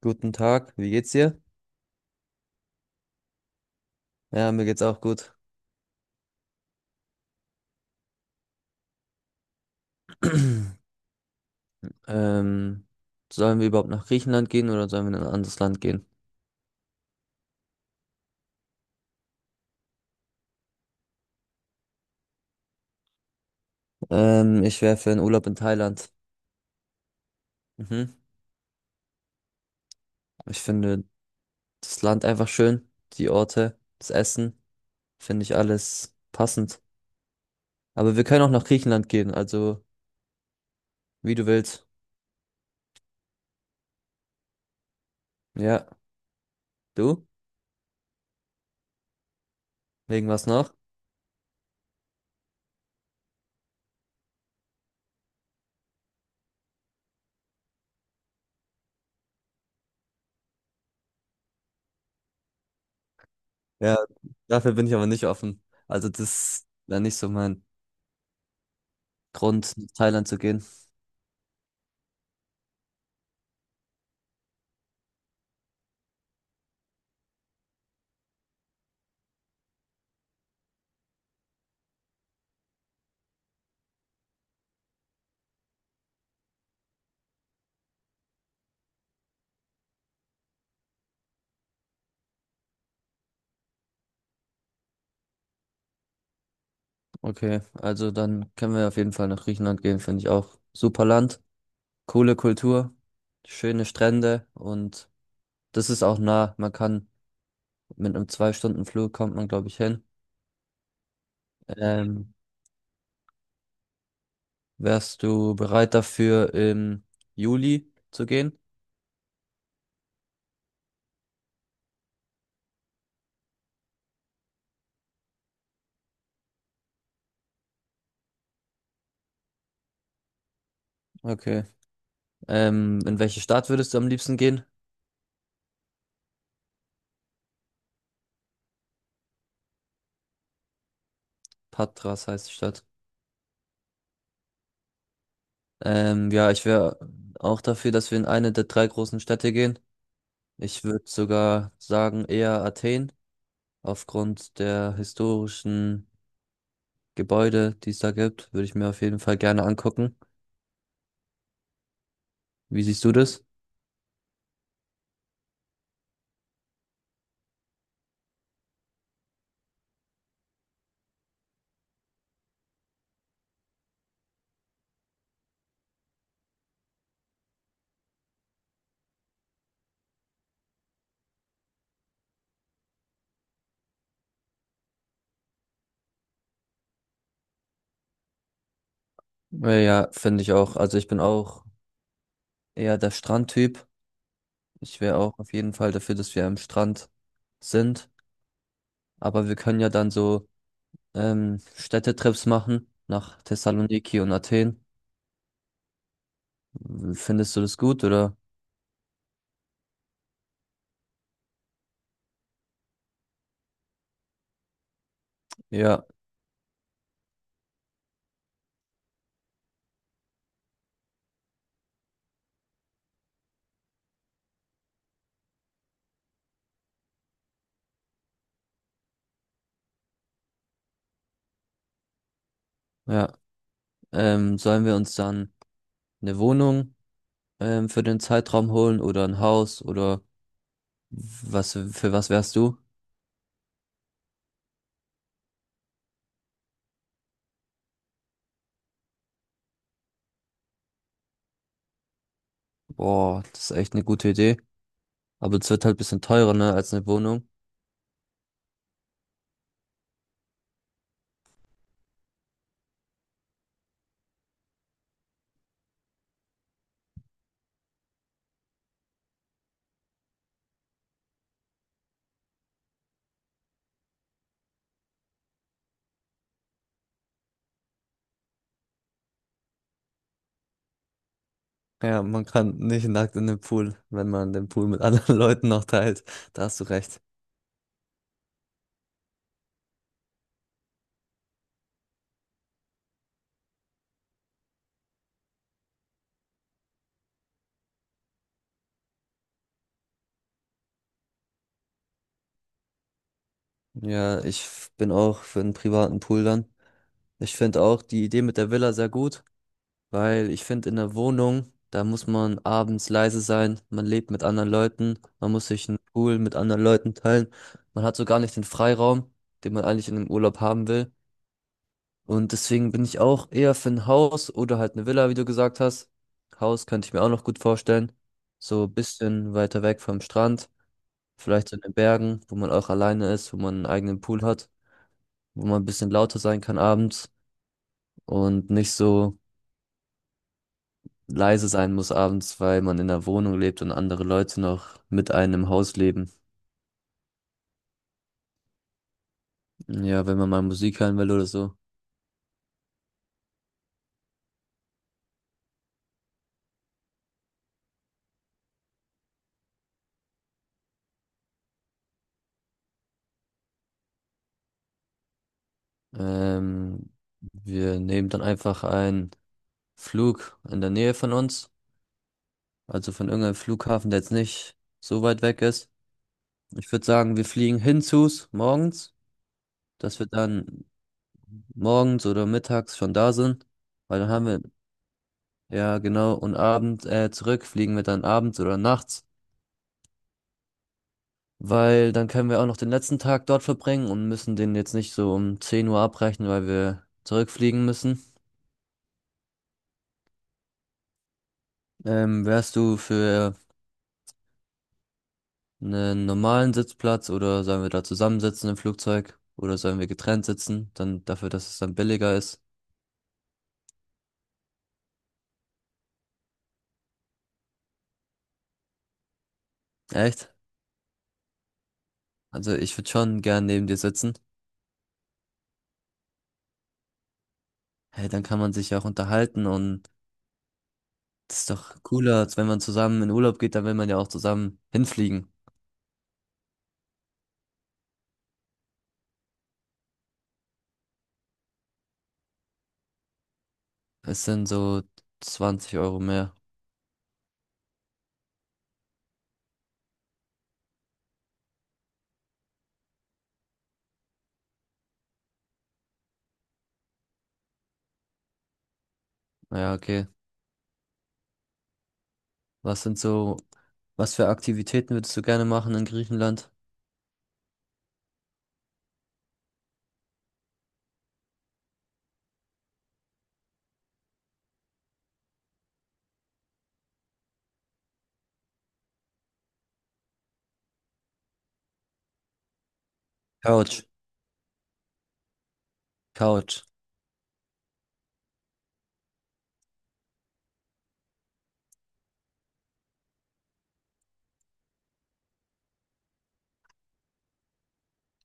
Guten Tag, wie geht's dir? Ja, mir geht's auch gut. Ähm, Sollen wir überhaupt nach Griechenland gehen oder sollen wir in ein anderes Land gehen? Ich wäre für einen Urlaub in Thailand. Mhm. Ich finde das Land einfach schön, die Orte, das Essen, finde ich alles passend. Aber wir können auch nach Griechenland gehen, also wie du willst. Ja, du? Wegen was noch? Ja, dafür bin ich aber nicht offen. Also das wäre nicht so mein Grund, nach Thailand zu gehen. Okay, also dann können wir auf jeden Fall nach Griechenland gehen, finde ich auch. Super Land, coole Kultur, schöne Strände und das ist auch nah. Man kann mit einem Zwei-Stunden-Flug kommt man, glaube ich, hin. Ähm, Wärst du bereit dafür, im Juli zu gehen? Okay. In welche Stadt würdest du am liebsten gehen? Patras heißt die Stadt. Ja, ich wäre auch dafür, dass wir in eine der drei großen Städte gehen. Ich würde sogar sagen, eher Athen. Aufgrund der historischen Gebäude, die es da gibt, würde ich mir auf jeden Fall gerne angucken. Wie siehst du das? Ja, finde ich auch. Also ich bin auch eher der Strandtyp. Ich wäre auch auf jeden Fall dafür, dass wir am Strand sind. Aber wir können ja dann so Städtetrips machen nach Thessaloniki und Athen. Findest du das gut oder? Ja, ja. Sollen wir uns dann eine Wohnung für den Zeitraum holen oder ein Haus oder was für was wärst du? Boah, das ist echt eine gute Idee. Aber es wird halt ein bisschen teurer, ne, als eine Wohnung. Ja, man kann nicht nackt in den Pool, wenn man den Pool mit anderen Leuten noch teilt. Da hast du recht. Ja, bin auch für einen privaten Pool dann. Ich finde auch die Idee mit der Villa sehr gut, weil ich finde, in der Wohnung, da muss man abends leise sein, man lebt mit anderen Leuten, man muss sich einen Pool mit anderen Leuten teilen. Man hat so gar nicht den Freiraum, den man eigentlich in einem Urlaub haben will. Und deswegen bin ich auch eher für ein Haus oder halt eine Villa, wie du gesagt hast. Haus könnte ich mir auch noch gut vorstellen. So ein bisschen weiter weg vom Strand, vielleicht so in den Bergen, wo man auch alleine ist, wo man einen eigenen Pool hat, wo man ein bisschen lauter sein kann abends und nicht so leise sein muss abends, weil man in einer Wohnung lebt und andere Leute noch mit einem im Haus leben. Ja, wenn man mal Musik hören will oder so. Ähm, Wir nehmen dann einfach einen Flug in der Nähe von uns. Also von irgendeinem Flughafen, der jetzt nicht so weit weg ist. Ich würde sagen, wir fliegen hinzus morgens, dass wir dann morgens oder mittags schon da sind. Weil dann haben wir, ja genau, und abends zurück fliegen wir dann abends oder nachts. Weil dann können wir auch noch den letzten Tag dort verbringen und müssen den jetzt nicht so um 10 Uhr abbrechen, weil wir zurückfliegen müssen. Wärst du für einen normalen Sitzplatz oder sollen wir da zusammensitzen im Flugzeug oder sollen wir getrennt sitzen, dann dafür, dass es dann billiger ist? Echt? Also ich würde schon gern neben dir sitzen. Hey, dann kann man sich ja auch unterhalten und das ist doch cooler, als wenn man zusammen in Urlaub geht, dann will man ja auch zusammen hinfliegen. Es sind so 20 Euro mehr. Ja, okay. Was sind so, was für Aktivitäten würdest du gerne machen in Griechenland? Couch, Couch.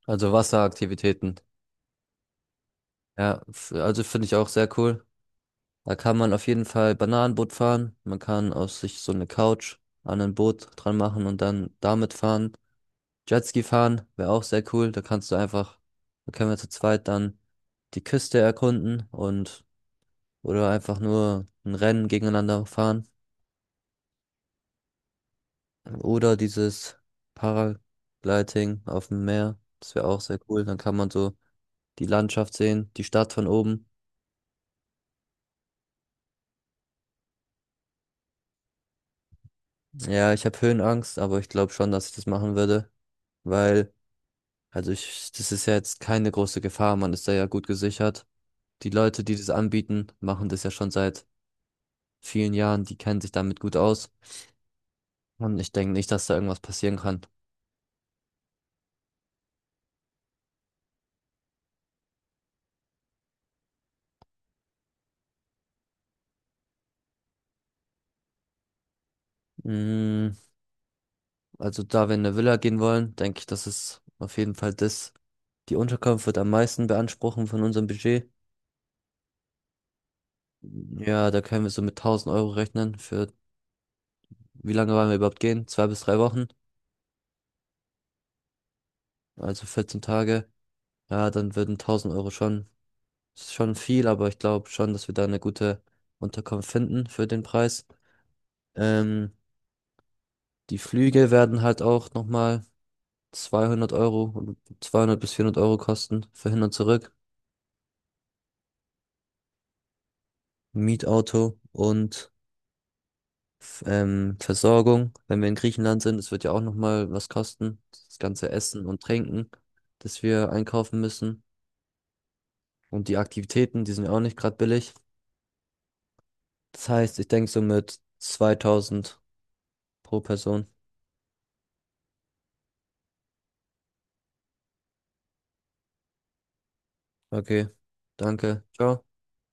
Also Wasseraktivitäten. Ja, also finde ich auch sehr cool. Da kann man auf jeden Fall Bananenboot fahren. Man kann aus sich so eine Couch an ein Boot dran machen und dann damit fahren. Jetski fahren wäre auch sehr cool. Da kannst du einfach, da können wir zu zweit dann die Küste erkunden und oder einfach nur ein Rennen gegeneinander fahren. Oder dieses Paragliding auf dem Meer. Das wäre auch sehr cool. Dann kann man so die Landschaft sehen, die Stadt von oben. Ja, ich habe Höhenangst, aber ich glaube schon, dass ich das machen würde, weil, also ich, das ist ja jetzt keine große Gefahr. Man ist da ja gut gesichert. Die Leute, die das anbieten, machen das ja schon seit vielen Jahren. Die kennen sich damit gut aus. Und ich denke nicht, dass da irgendwas passieren kann. Mm, also da wir in eine Villa gehen wollen, denke ich, dass es auf jeden Fall das. Die Unterkunft wird am meisten beanspruchen von unserem Budget. Ja, da können wir so mit 1000 Euro rechnen für, wie lange wollen wir überhaupt gehen? Zwei bis drei Wochen, also 14 Tage. Ja, dann würden 1000 Euro schon, ist schon viel, aber ich glaube schon, dass wir da eine gute Unterkunft finden für den Preis. Ähm, Die Flüge werden halt auch nochmal 200 Euro, 200 bis 400 Euro kosten für hin und zurück. Mietauto und Versorgung. Wenn wir in Griechenland sind, es wird ja auch nochmal was kosten. Das ganze Essen und Trinken, das wir einkaufen müssen. Und die Aktivitäten, die sind ja auch nicht gerade billig. Das heißt, ich denke so mit 2000 pro Person. Okay, danke. Ciao.